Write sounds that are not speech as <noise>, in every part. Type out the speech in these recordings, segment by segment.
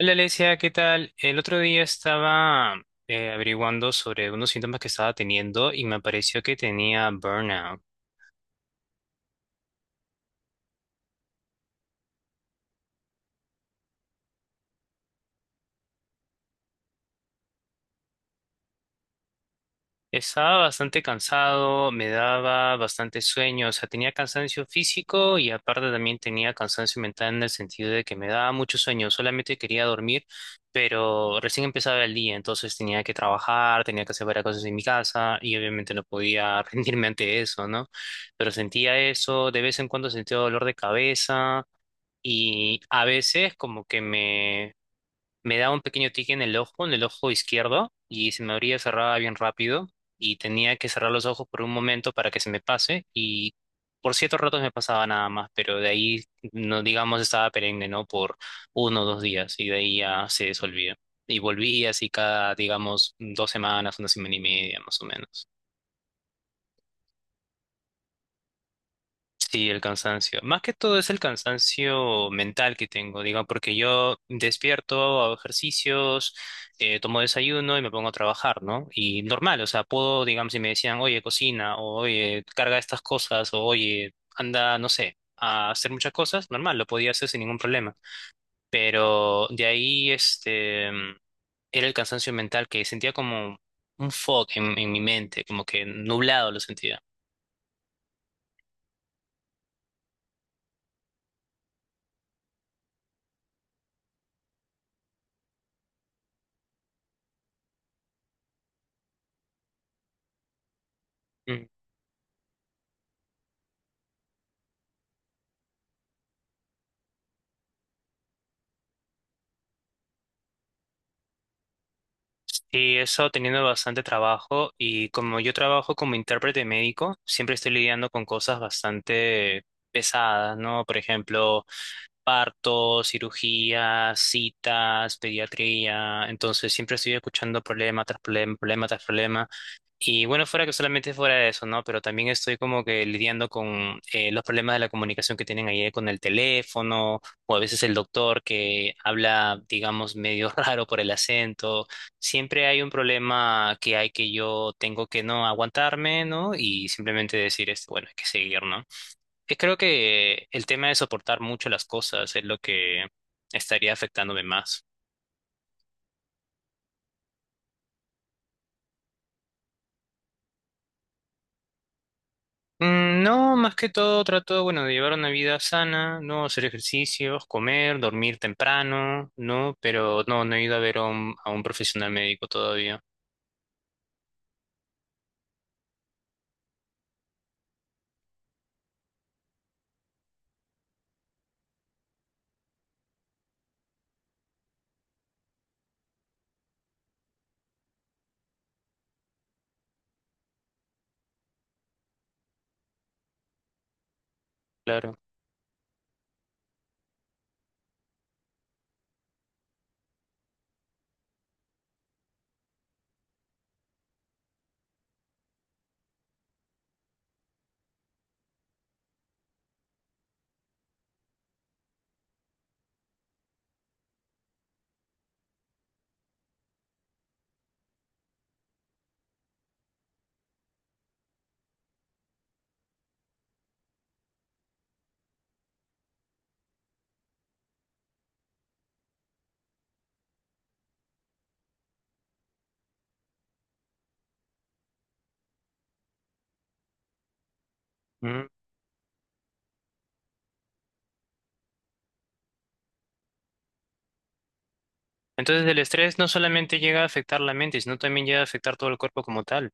Hola, Alesia, ¿qué tal? El otro día estaba averiguando sobre unos síntomas que estaba teniendo y me apareció que tenía burnout. Estaba bastante cansado, me daba bastante sueño, o sea, tenía cansancio físico y aparte también tenía cansancio mental en el sentido de que me daba mucho sueño, solamente quería dormir, pero recién empezaba el día, entonces tenía que trabajar, tenía que hacer varias cosas en mi casa y obviamente no podía <laughs> rendirme ante eso, ¿no? Pero sentía eso, de vez en cuando sentía dolor de cabeza. Y a veces me daba un pequeño tique en el ojo izquierdo, y se me abría, cerraba bien rápido, y tenía que cerrar los ojos por un momento para que se me pase, y por ciertos ratos me pasaba nada más, pero de ahí, no digamos, estaba perenne, ¿no? Por uno o dos días, y de ahí ya se desolvía. Y volví así cada, digamos, dos semanas, una semana y media, más o menos. Sí, el cansancio. Más que todo es el cansancio mental que tengo, diga, porque yo despierto, hago ejercicios, tomo desayuno y me pongo a trabajar, ¿no? Y normal, o sea, puedo, digamos, si me decían, oye, cocina, o oye, carga estas cosas, o oye, anda, no sé, a hacer muchas cosas, normal, lo podía hacer sin ningún problema. Pero de ahí, era el cansancio mental que sentía como un fog en mi mente, como que nublado lo sentía. Mm. Sí, he estado teniendo bastante trabajo y como yo trabajo como intérprete médico, siempre estoy lidiando con cosas bastante pesadas, ¿no? Por ejemplo, partos, cirugías, citas, pediatría. Entonces siempre estoy escuchando problema tras problema, problema tras problema. Y bueno, fuera que solamente fuera de eso, ¿no? Pero también estoy como que lidiando con los problemas de la comunicación que tienen ahí con el teléfono, o a veces el doctor que habla, digamos, medio <laughs> raro por el acento. Siempre hay un problema que hay que yo tengo que no aguantarme, ¿no? Y simplemente decir, este, bueno, hay que seguir, ¿no? Y creo que el tema de soportar mucho las cosas es lo que estaría afectándome más. Mm, no, más que todo trato, bueno, de llevar una vida sana, no hacer ejercicios, comer, dormir temprano, ¿no? Pero no he ido a ver a a un profesional médico todavía, claro. Ujú. Entonces el estrés no solamente llega a afectar la mente, sino también llega a afectar todo el cuerpo como tal.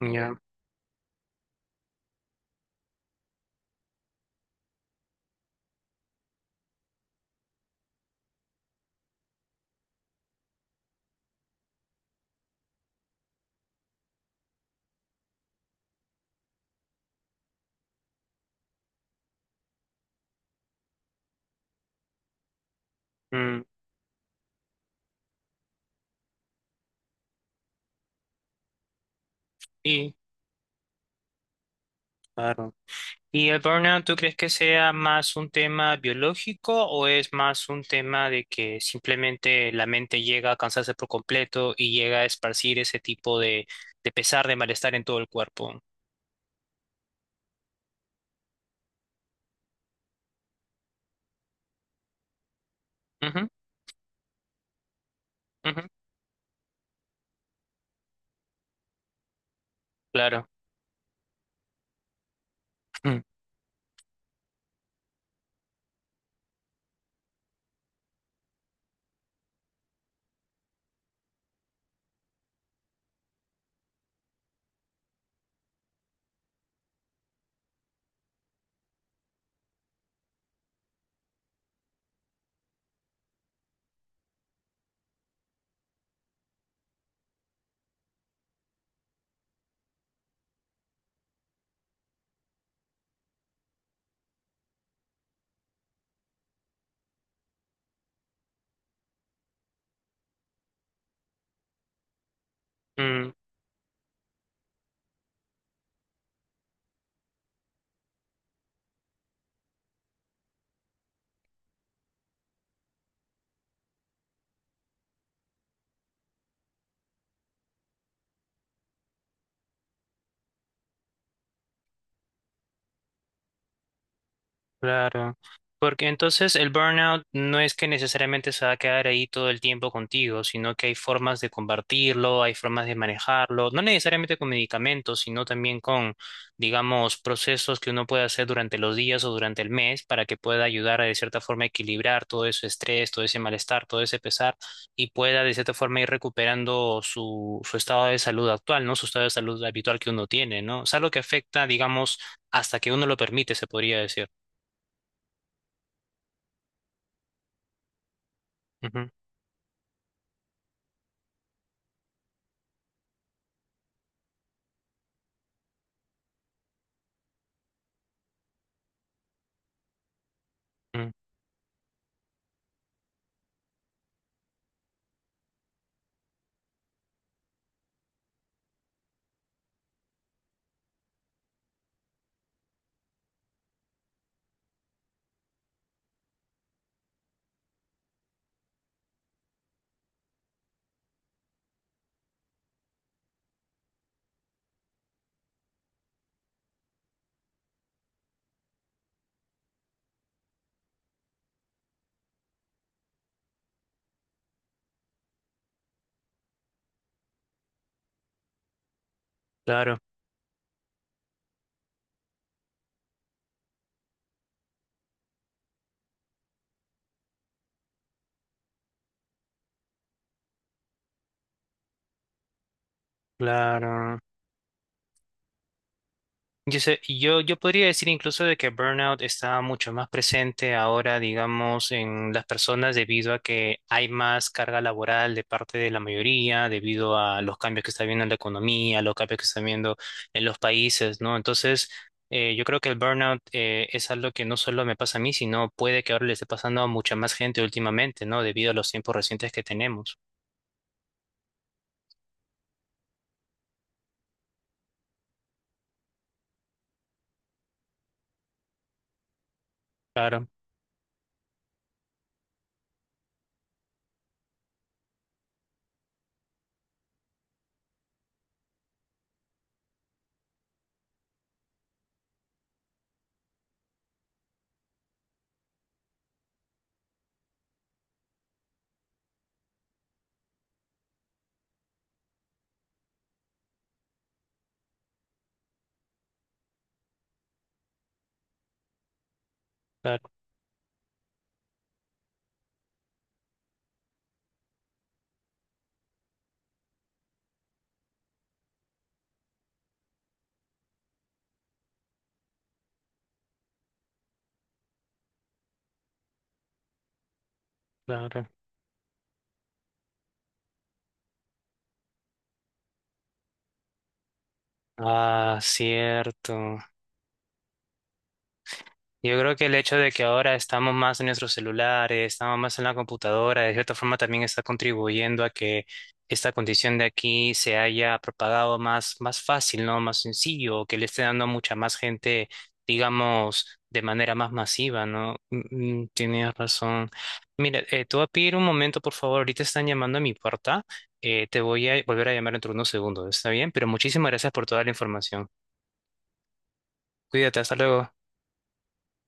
Ya. Mm, sí, claro. ¿Y el burnout, tú crees que sea más un tema biológico o es más un tema de que simplemente la mente llega a cansarse por completo y llega a esparcir ese tipo de pesar, de malestar en todo el cuerpo? Ujú, ujú, claro. <clears throat> Claro, porque entonces el burnout no es que necesariamente se va a quedar ahí todo el tiempo contigo, sino que hay formas de combatirlo, hay formas de manejarlo, no necesariamente con medicamentos, sino también con, digamos, procesos que uno puede hacer durante los días o durante el mes para que pueda ayudar a de cierta forma equilibrar todo ese estrés, todo ese malestar, todo ese pesar y pueda de cierta forma ir recuperando su estado de salud actual, ¿no? Su estado de salud habitual que uno tiene, ¿no? Es algo que afecta, digamos, hasta que uno lo permite, se podría decir. Ujú, ujú, claro, claro. Yo podría decir incluso de que burnout está mucho más presente ahora, digamos, en las personas debido a que hay más carga laboral de parte de la mayoría, debido a los cambios que está viendo en la economía, los cambios que están viendo en los países, ¿no? Entonces, yo creo que el burnout es algo que no solo me pasa a mí, sino puede que ahora le esté pasando a mucha más gente últimamente, ¿no? Debido a los tiempos recientes que tenemos. Claro, claro, claro. Ah, cierto. Yo creo que el hecho de que ahora estamos más en nuestros celulares, estamos más en la computadora, de cierta forma también está contribuyendo a que esta condición de aquí se haya propagado más, más fácil, ¿no? Más sencillo, que le esté dando a mucha más gente, digamos, de manera más masiva, ¿no? Mm, mm, tienes razón. Mira, te voy a pedir un momento, por favor. Ahorita están llamando a mi puerta. Te voy a volver a llamar dentro de unos segundos, ¿está bien? Pero muchísimas gracias por toda la información. Cuídate, hasta luego.